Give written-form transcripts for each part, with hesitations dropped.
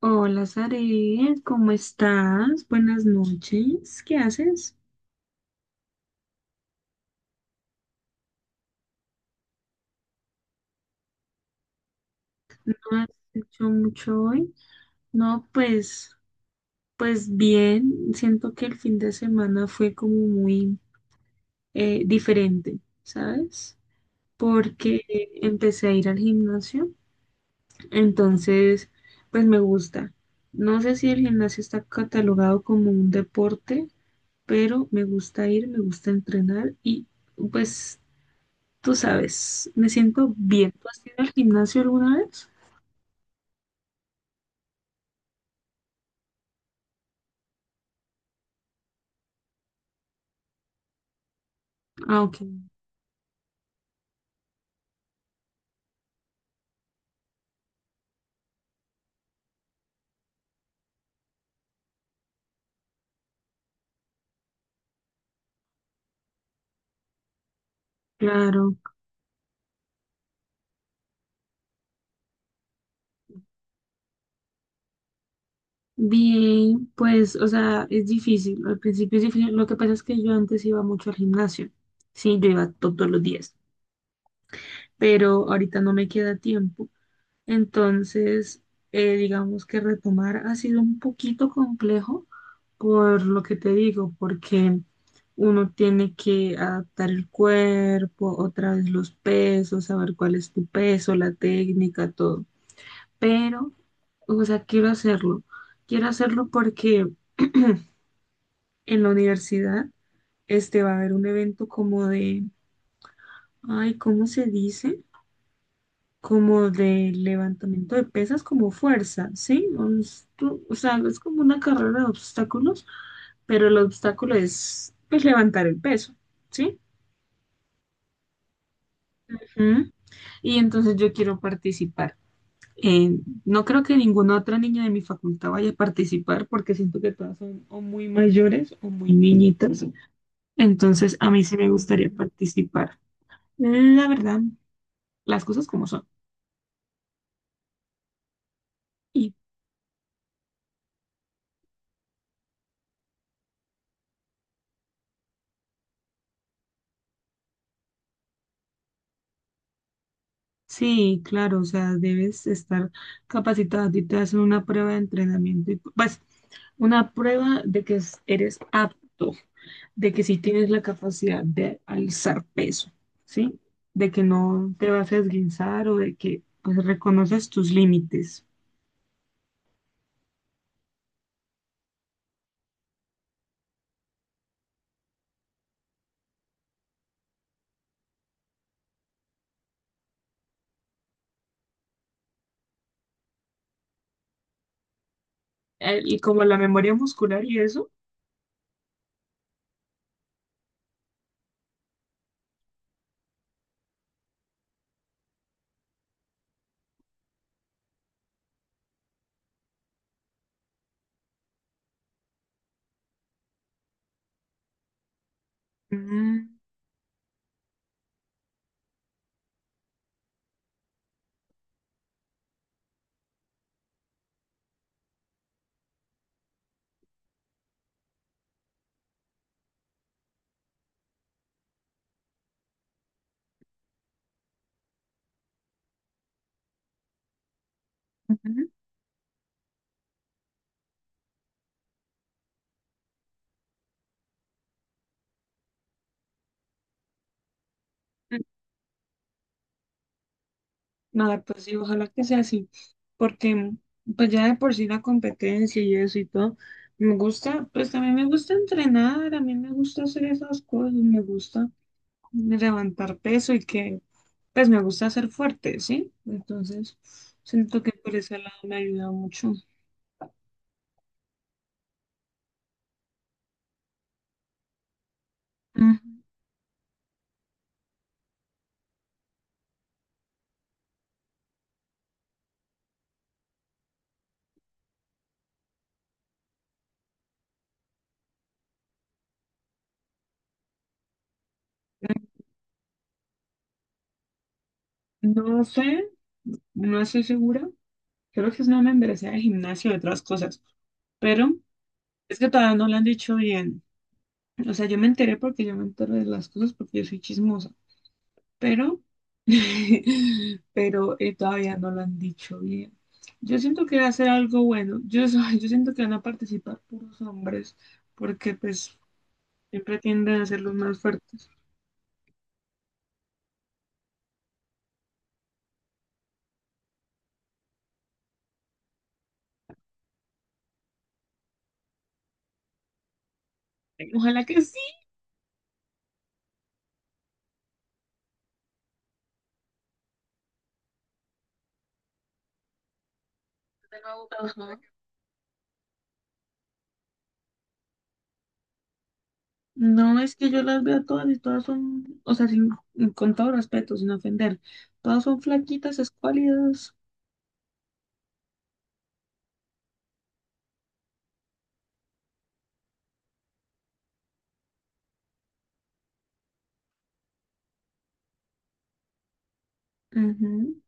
Hola, Sare, ¿cómo estás? Buenas noches. ¿Qué haces? ¿No has hecho mucho hoy? No, pues bien. Siento que el fin de semana fue como muy diferente, ¿sabes? Porque empecé a ir al gimnasio, entonces, pues me gusta. No sé si el gimnasio está catalogado como un deporte, pero me gusta ir, me gusta entrenar y pues tú sabes, me siento bien. ¿Tú has ido al gimnasio alguna vez? Ah, ok, claro. Bien, pues, o sea, es difícil. Al principio es difícil. Lo que pasa es que yo antes iba mucho al gimnasio. Sí, yo iba todos los días, pero ahorita no me queda tiempo. Entonces, digamos que retomar ha sido un poquito complejo por lo que te digo, porque uno tiene que adaptar el cuerpo, otra vez los pesos, saber cuál es tu peso, la técnica, todo. Pero, o sea, quiero hacerlo. Quiero hacerlo porque en la universidad este va a haber un evento como de, ay, ¿cómo se dice? Como de levantamiento de pesas, como fuerza, ¿sí? Un o sea, es como una carrera de obstáculos, pero el obstáculo es, pues, levantar el peso, ¿sí? Ujú. Y entonces yo quiero participar. Eh, no creo que ninguna otra niña de mi facultad vaya a participar porque siento que todas son o muy mayores o muy niñitas. Entonces a mí sí me gustaría participar. La verdad, las cosas como son. Sí, claro, o sea, debes estar capacitado. A ti te hacen una prueba de entrenamiento, y, pues una prueba de que eres apto, de que sí tienes la capacidad de alzar peso, ¿sí? De que no te vas a esguinzar o de que pues reconoces tus límites. Y como la memoria muscular y eso. Mm, ujú. Nada, pues sí, ojalá que sea así, porque pues ya de por sí la competencia y eso y todo, me gusta, pues también me gusta entrenar, a mí me gusta hacer esas cosas, me gusta levantar peso y que pues me gusta ser fuerte, ¿sí? Entonces, siento que por ese lado me ayuda mucho. Mm, No sé, no estoy segura, creo que es una membresía de gimnasio y otras cosas, pero es que todavía no lo han dicho bien. O sea, yo me enteré porque yo me entero de las cosas porque yo soy chismosa, pero, pero todavía no lo han dicho bien. Yo siento que va a ser algo bueno. Yo, yo siento que van a participar puros hombres porque pues siempre tienden a ser los más fuertes. Ojalá que sí. Ajá. No es que yo las vea todas y todas son, o sea, con todo respeto, sin ofender, todas son flaquitas, escuálidas. Ujú.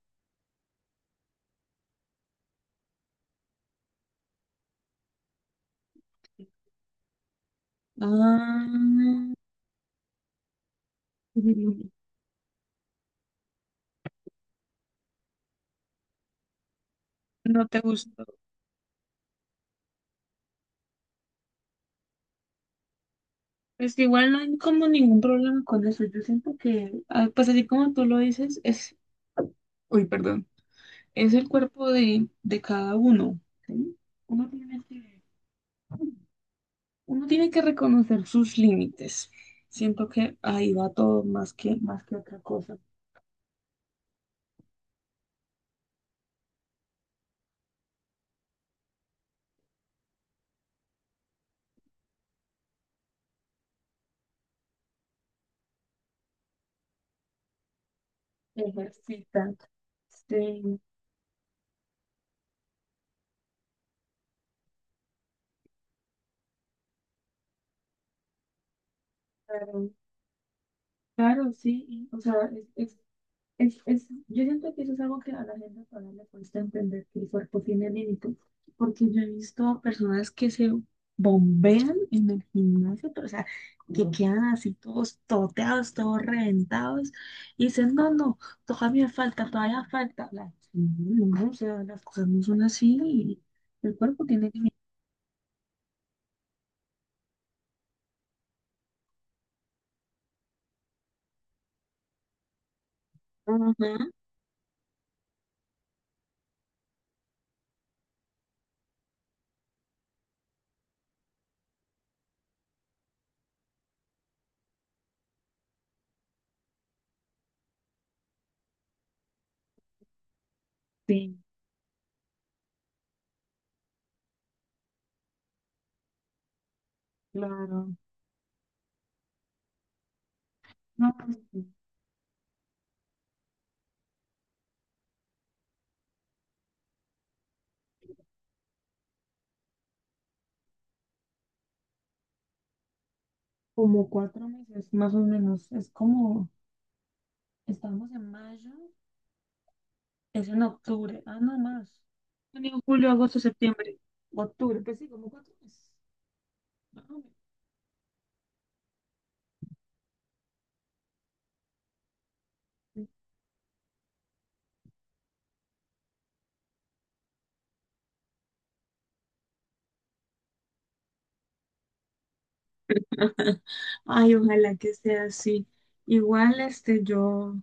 Ah, no te gusta. Es que igual no hay como ningún problema con eso. Yo siento que, pues así como tú lo dices, es, uy, perdón, es el cuerpo de, cada uno, ¿sí? Uno tiene que, uno tiene que reconocer sus límites. Siento que ahí va todo más que otra cosa. Ejercita. Sí, claro. Claro, sí. Y, o sea, es es, yo siento que eso es algo que a la gente todavía le cuesta entender que el cuerpo tiene límites, porque yo he visto personas que se bombean en el gimnasio, pero, o sea, que no quedan así todos toteados, todos reventados, y dicen, no, no, todavía falta, todavía falta. No, no, o sea, las cosas no son así, y el cuerpo tiene límites. Ajá, sí, claro. No, pues, como 4 meses más o menos. Es como, estamos en mayo. Es en octubre. Ah, no más. Junio, julio, agosto, septiembre. Octubre, pues sí, como 4 meses más o menos. Ay, ojalá que sea así. Igual, este, yo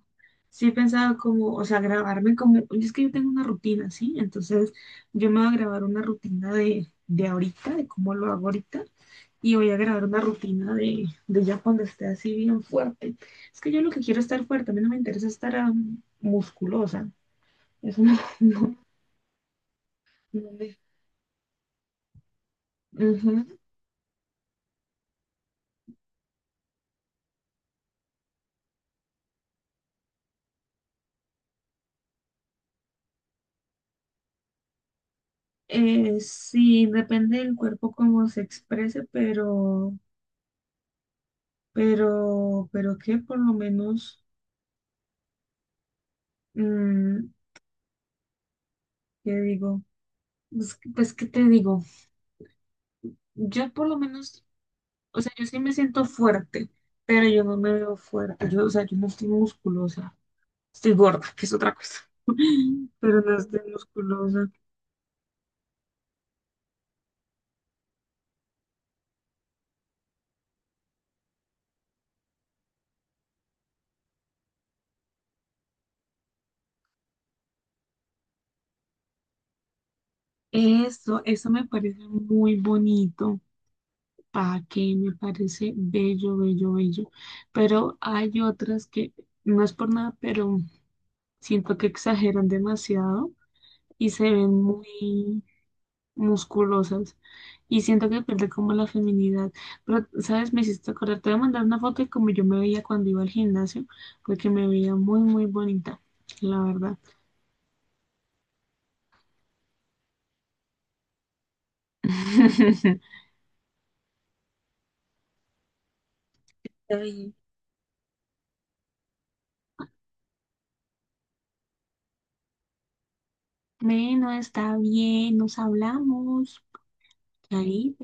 sí pensaba como, o sea, grabarme como, y es que yo tengo una rutina, ¿sí? Entonces, yo me voy a grabar una rutina de, ahorita, de cómo lo hago ahorita, y voy a grabar una rutina de ya cuando esté así bien fuerte. Es que yo lo que quiero es estar fuerte, a mí no me interesa estar musculosa. Eso no, no, no me. Ujú. Sí, depende del cuerpo cómo se exprese, pero que por lo menos, mm, ¿qué digo? Pues, pues, ¿qué te digo? Yo por lo menos, o sea, yo sí me siento fuerte, pero yo no me veo fuerte. Yo, o sea, yo no estoy musculosa. Estoy gorda, que es otra cosa. Pero no estoy musculosa. Eso me parece muy bonito. Pa' que me parece bello, bello, bello. Pero hay otras que, no es por nada, pero siento que exageran demasiado y se ven muy musculosas. Y siento que pierde como la feminidad. Pero, ¿sabes? Me hiciste acordar. Te voy a mandar una foto de como yo me veía cuando iba al gimnasio, porque me veía muy, muy bonita, la verdad. Está bien, bueno, está bien, nos hablamos. Chaito.